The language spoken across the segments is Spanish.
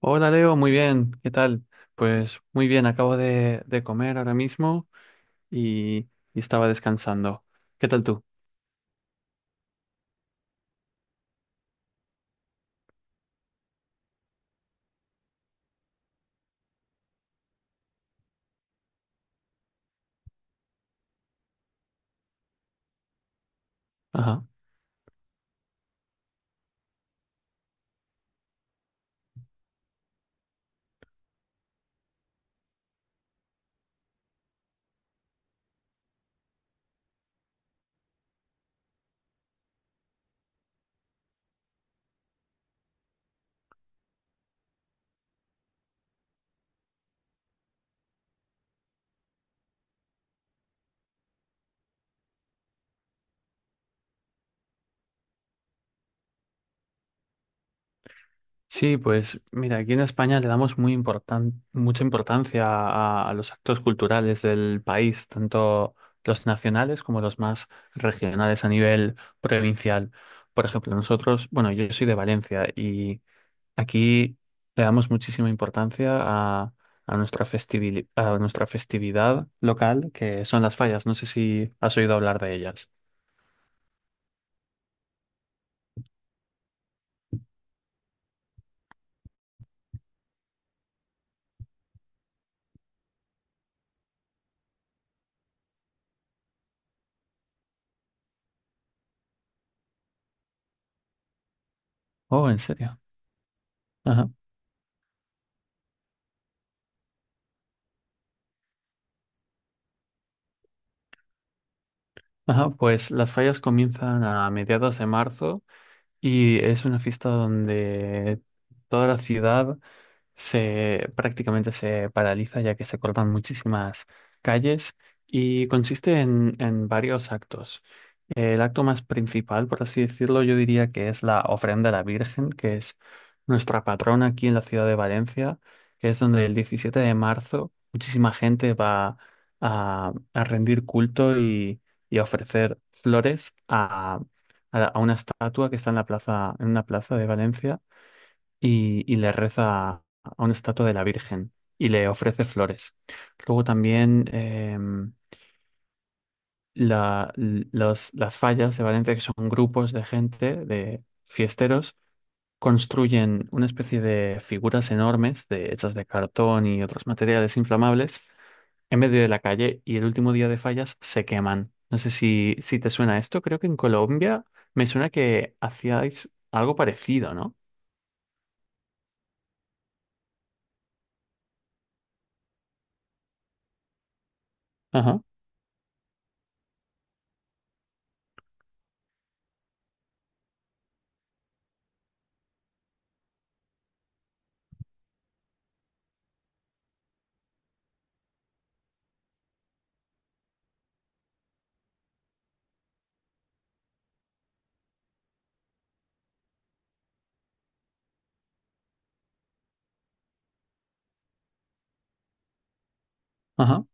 Hola Leo, muy bien, ¿qué tal? Pues muy bien, acabo de comer ahora mismo y estaba descansando. ¿Qué tal tú? Ajá. Sí, pues mira, aquí en España le damos mucha importancia a los actos culturales del país, tanto los nacionales como los más regionales a nivel provincial. Por ejemplo, nosotros, bueno, yo soy de Valencia. Aquí le damos muchísima importancia a nuestra a nuestra festividad local, que son las fallas. ¿No sé si has oído hablar de ellas? Oh, ¿en serio? Ajá. Ajá, pues las fallas comienzan a mediados de marzo y es una fiesta donde toda la ciudad se prácticamente se paraliza, ya que se cortan muchísimas calles y consiste en varios actos. El acto más principal, por así decirlo, yo diría que es la ofrenda a la Virgen, que es nuestra patrona aquí en la ciudad de Valencia, que es donde el 17 de marzo muchísima gente va a rendir culto y a ofrecer flores a, a una estatua que está en la plaza, en una plaza de Valencia y le reza a una estatua de la Virgen y le ofrece flores. Luego también las fallas de Valencia, que son grupos de gente, de fiesteros, construyen una especie de figuras enormes de, hechas de cartón y otros materiales inflamables en medio de la calle, y el último día de fallas se queman. No sé si, si te suena esto, creo que en Colombia me suena que hacíais algo parecido, ¿no? Ajá, ajá.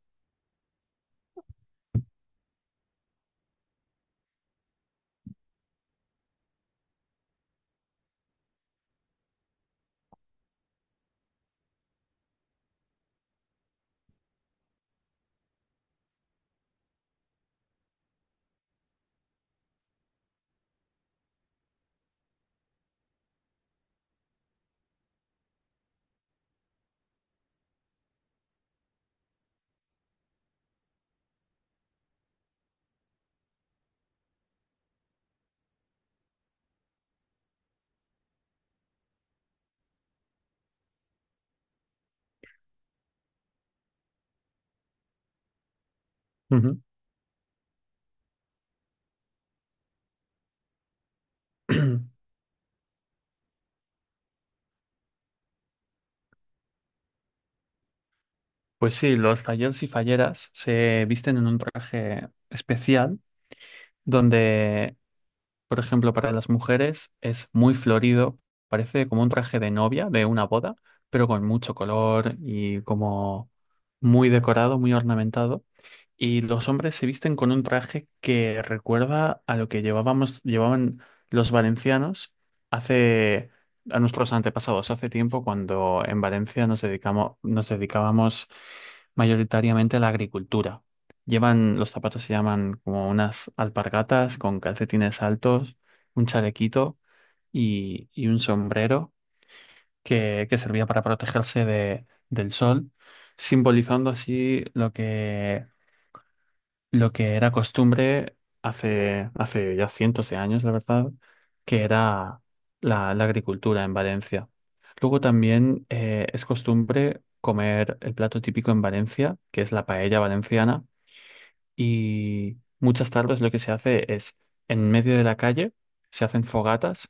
Ujú. Pues sí, los falleros y falleras se visten en un traje especial donde, por ejemplo, para las mujeres es muy florido, parece como un traje de novia de una boda, pero con mucho color y como muy decorado, muy ornamentado. Y los hombres se visten con un traje que recuerda a lo que llevaban los valencianos hace, a nuestros antepasados, hace tiempo, cuando en Valencia nos dedicábamos mayoritariamente la agricultura. Llevan, los zapatos se llaman como unas alpargatas con calcetines altos, un chalequito y un sombrero que servía para protegerse del sol, simbolizando así lo que era costumbre hace, hace ya cientos de años, la verdad, que era la, la agricultura en Valencia. Luego también es costumbre comer el plato típico en Valencia, que es la paella valenciana, y muchas tardes lo que se hace es, en medio de la calle, se hacen fogatas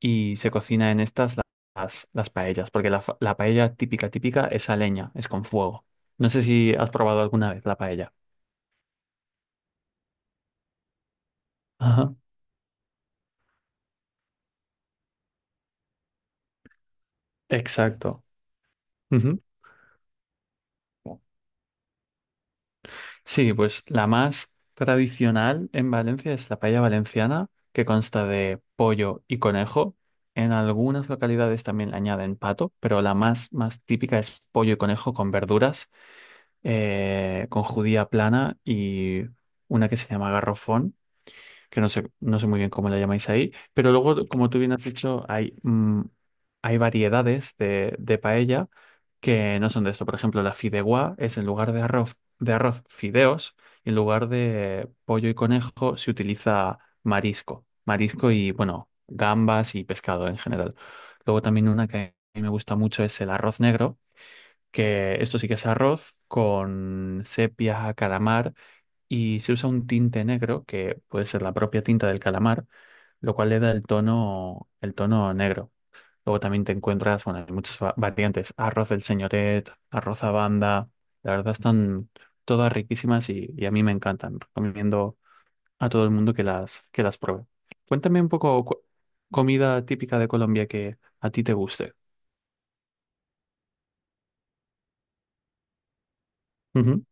y se cocina en las paellas, porque la, la paella típica, típica es a leña, es con fuego. No sé si has probado alguna vez la paella. Ajá. Exacto. Ujú. ¿No? Sí, pues la más tradicional en Valencia es la paella valenciana, que consta de pollo y conejo. En algunas localidades también le añaden pato, pero la más, más típica es pollo y conejo con verduras, con judía plana y una que se llama garrofón, que no sé, no sé muy bien cómo la llamáis ahí. Pero luego, como tú bien has dicho, hay, hay variedades de paella que no son de esto. Por ejemplo, la fideuá es en lugar de arroz fideos, y en lugar de pollo y conejo se utiliza marisco, marisco y, bueno, gambas y pescado en general. Luego también una que a mí me gusta mucho es el arroz negro, que esto sí que es arroz con sepia, calamar, y se usa un tinte negro que puede ser la propia tinta del calamar, lo cual le da el tono negro. Luego también te encuentras, bueno, hay muchas variantes, arroz del señoret, arroz a banda, la verdad están todas riquísimas y a mí me encantan. Recomiendo a todo el mundo que las pruebe. Cuéntame un poco comida típica de Colombia que a ti te guste. Ujú.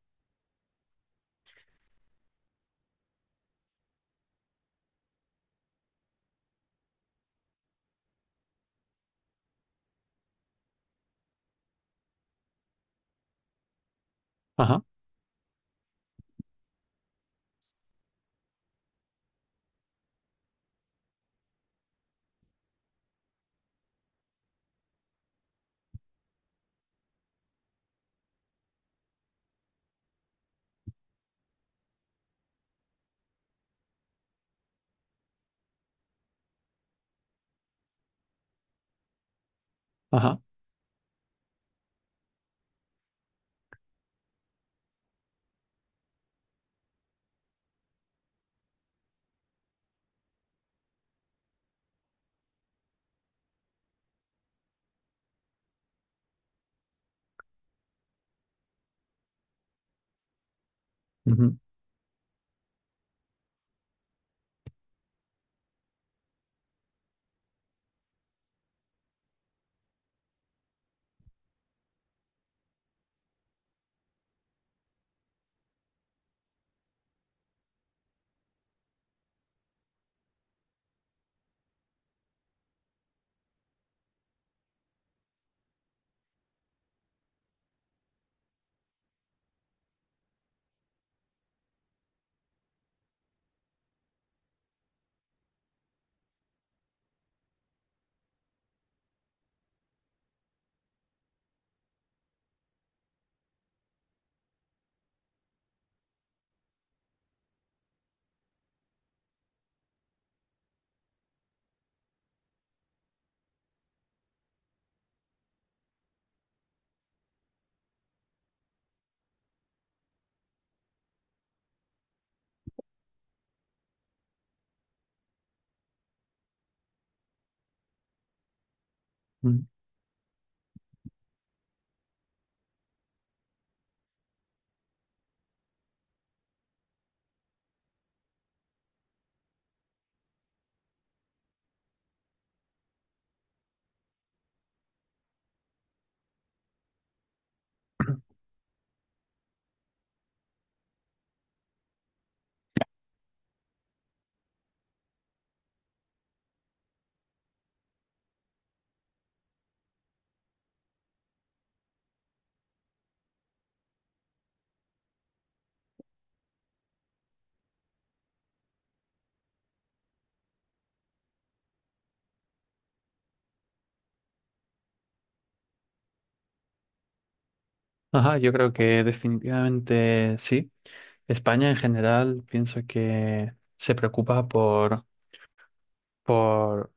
Ajá, ajá, ujú, ujú. Ajá, yo creo que definitivamente sí. España en general pienso que se preocupa por,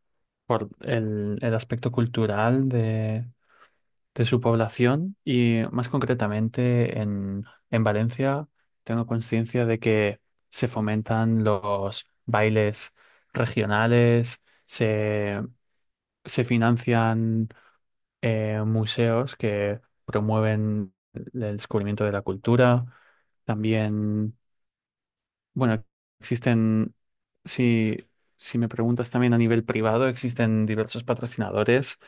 por el aspecto cultural de su población, y más concretamente en Valencia tengo conciencia de que se fomentan los bailes regionales, se financian museos que promueven el descubrimiento de la cultura. También bueno, existen, si, si me preguntas también a nivel privado, existen diversos patrocinadores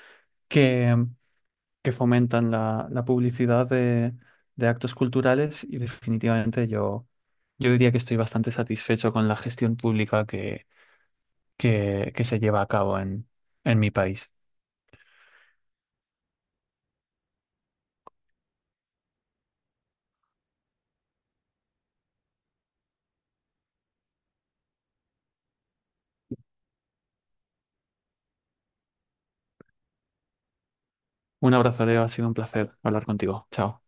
que, que fomentan la, la publicidad de actos culturales, y definitivamente yo, yo diría que estoy bastante satisfecho con la gestión pública que se lleva a cabo en mi país. Un abrazo, Leo, ha sido un placer hablar contigo. Chao.